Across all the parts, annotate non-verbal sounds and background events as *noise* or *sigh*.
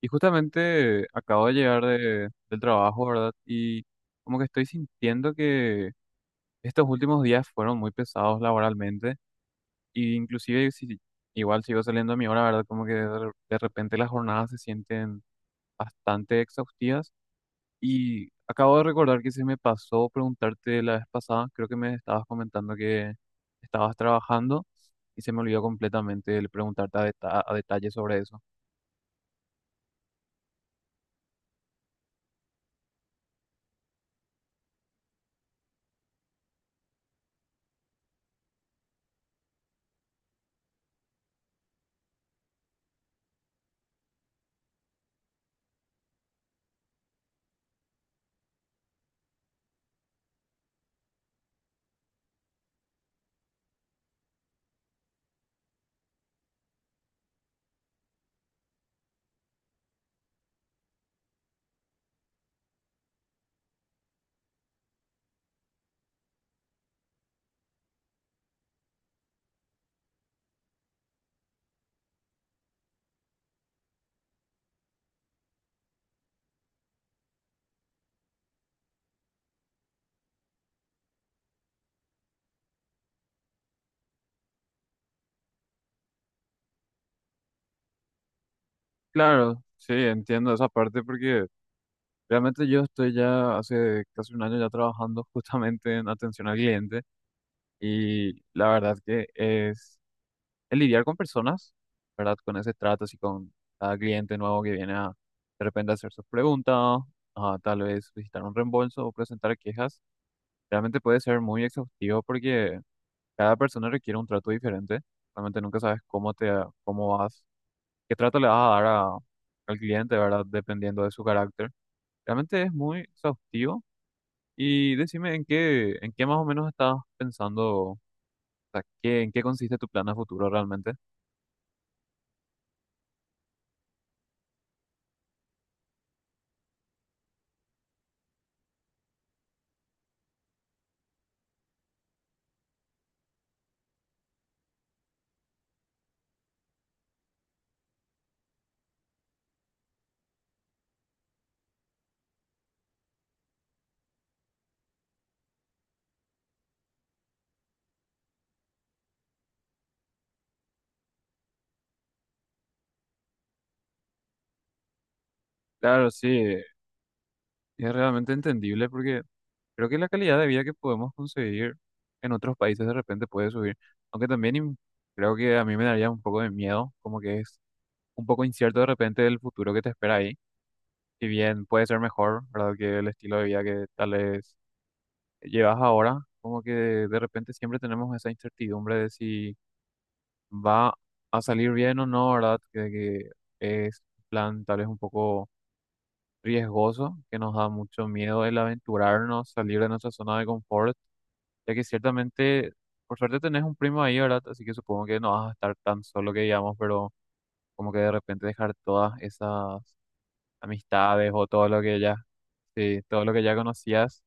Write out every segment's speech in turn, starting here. Y justamente acabo de llegar del trabajo, ¿verdad? Y como que estoy sintiendo que estos últimos días fueron muy pesados laboralmente. Y inclusive si igual sigo saliendo a mi hora, ¿verdad? Como que de repente las jornadas se sienten bastante exhaustivas. Y acabo de recordar que se me pasó preguntarte la vez pasada, creo que me estabas comentando que estabas trabajando y se me olvidó completamente el preguntarte a detalle sobre eso. Claro, sí, entiendo esa parte porque... Realmente yo estoy ya hace casi un año ya trabajando *laughs* justamente en atención al cliente y la verdad que es el lidiar con personas, ¿verdad? Con ese trato, así con cada cliente nuevo que viene a de repente hacer sus preguntas, a tal vez visitar un reembolso o presentar quejas, realmente puede ser muy exhaustivo porque cada persona requiere un trato diferente. Realmente nunca sabes cómo te, cómo vas, qué trato le vas a dar al cliente, ¿verdad? Dependiendo de su carácter. Realmente es muy exhaustivo. Y decime en qué más o menos estabas pensando, o sea, qué, en qué consiste tu plan a futuro realmente. Claro, sí, es realmente entendible porque creo que la calidad de vida que podemos conseguir en otros países de repente puede subir, aunque también creo que a mí me daría un poco de miedo, como que es un poco incierto de repente el futuro que te espera ahí, si bien puede ser mejor, ¿verdad? Que el estilo de vida que tal vez llevas ahora, como que de repente siempre tenemos esa incertidumbre de si va a salir bien o no, ¿verdad? Que es un plan tal vez un poco riesgoso, que nos da mucho miedo el aventurarnos, salir de nuestra zona de confort, ya que ciertamente, por suerte tenés un primo ahí, ¿verdad? Así que supongo que no vas a estar tan solo que digamos, pero como que de repente dejar todas esas amistades o todo lo que ya, sí, todo lo que ya conocías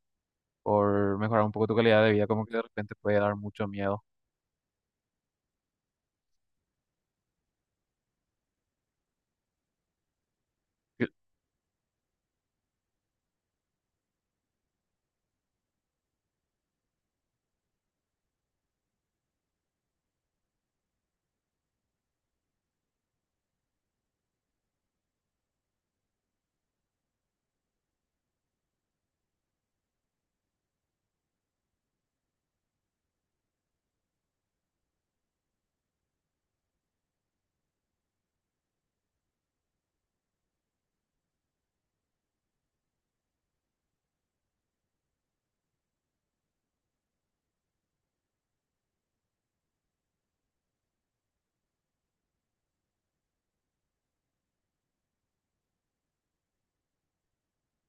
por mejorar un poco tu calidad de vida, como que de repente puede dar mucho miedo. Cl-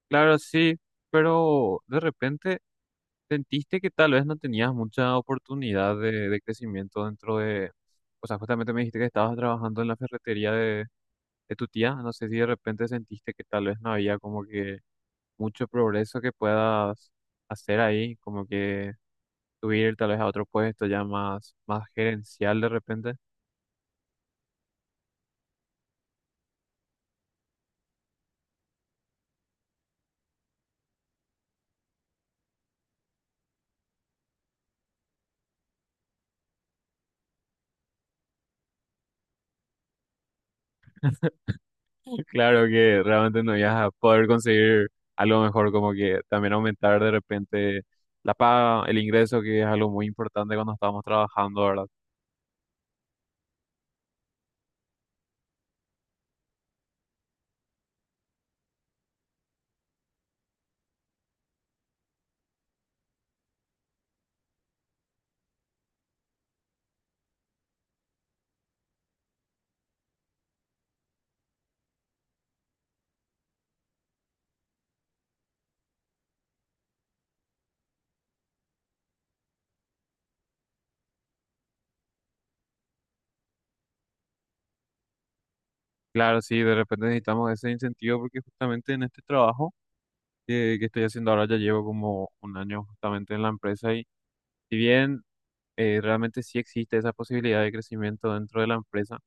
Claro, sí, pero de repente sentiste que tal vez no tenías mucha oportunidad de crecimiento dentro de, o sea, justamente me dijiste que estabas trabajando en la ferretería de tu tía, no sé si de repente sentiste que tal vez no había como que mucho progreso que puedas hacer ahí, como que subir tal vez a otro puesto ya más, más gerencial de repente. *laughs* Claro que realmente no ibas a poder conseguir algo mejor, como que también aumentar de repente la paga, el ingreso, que es algo muy importante cuando estamos trabajando, ¿verdad? Claro, sí, de repente necesitamos ese incentivo porque justamente en este trabajo que estoy haciendo ahora ya llevo como un año justamente en la empresa y si bien realmente sí existe esa posibilidad de crecimiento dentro de la empresa,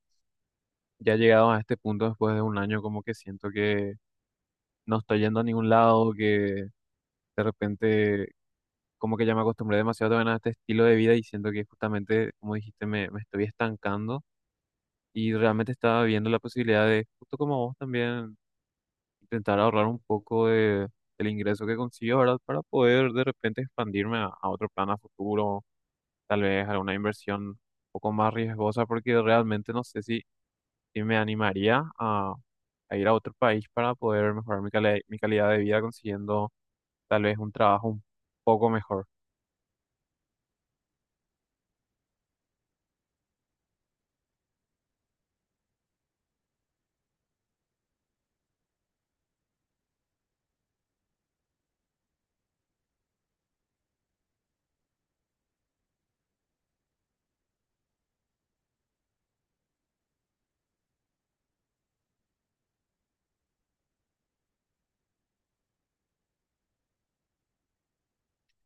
ya llegado a este punto después de un año como que siento que no estoy yendo a ningún lado, que de repente como que ya me acostumbré demasiado también a este estilo de vida y siento que justamente, como dijiste, me estoy estancando y realmente estaba viendo la posibilidad de, justo como vos también, intentar ahorrar un poco de, del ingreso que consigo, ¿verdad? Para poder de repente expandirme a otro plan a futuro, tal vez alguna inversión un poco más riesgosa, porque realmente no sé si, si me animaría a ir a otro país para poder mejorar mi calidad de vida consiguiendo tal vez un trabajo un poco mejor.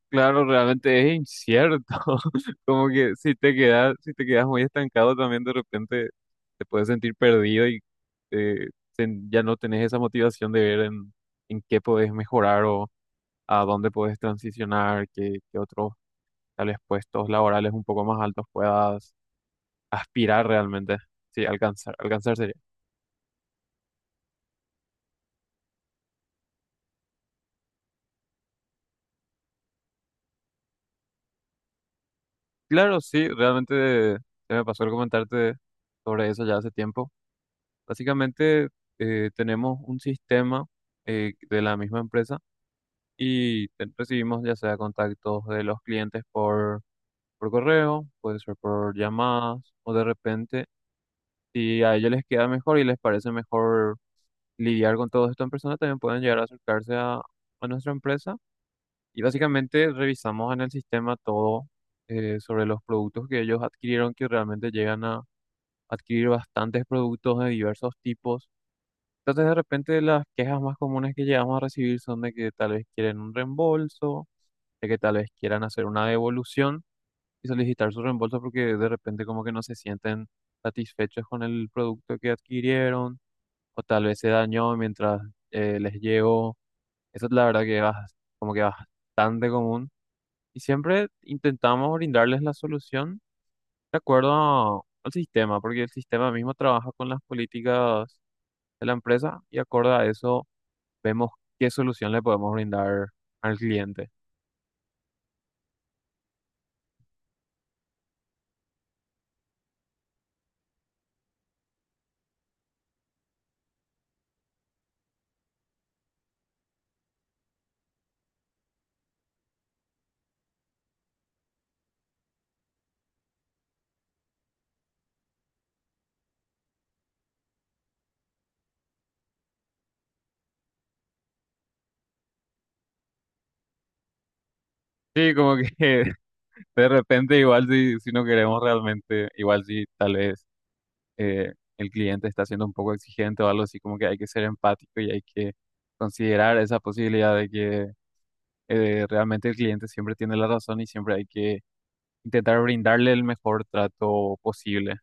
Claro, realmente es incierto. *laughs* Como que si te quedas muy estancado también de repente te puedes sentir perdido y eh, ya no tenés esa motivación de ver en qué podés mejorar o a dónde podés transicionar, qué otros tales puestos laborales un poco más altos puedas aspirar realmente. Sí, alcanzar, alcanzar sería. Claro, sí, realmente se me pasó el comentarte sobre eso ya hace tiempo. Básicamente tenemos un sistema de la misma empresa y recibimos ya sea contactos de los clientes por correo, puede ser por llamadas o de repente si a ellos les queda mejor y les parece mejor lidiar con todo esto en persona, también pueden llegar a acercarse a nuestra empresa y básicamente revisamos en el sistema todo sobre los productos que ellos adquirieron, que realmente llegan a adquirir bastantes productos de diversos tipos. Entonces, de repente, las quejas más comunes que llegamos a recibir son de que tal vez quieren un reembolso, de que tal vez quieran hacer una devolución y solicitar su reembolso porque de repente como que no se sienten satisfechos con el producto que adquirieron o tal vez se dañó mientras les llegó. Eso es la verdad que es como que bastante común. Y siempre intentamos brindarles la solución de acuerdo al sistema, porque el sistema mismo trabaja con las políticas de la empresa y acorde a eso vemos qué solución le podemos brindar al cliente. Sí, como que *laughs* de repente igual si no queremos realmente, igual si tal vez eh, el cliente está siendo un poco exigente o algo así, como que hay que ser empático y hay que considerar esa posibilidad de que realmente el cliente siempre tiene la razón y siempre hay que intentar brindarle el mejor trato posible.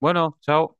Bueno, chao.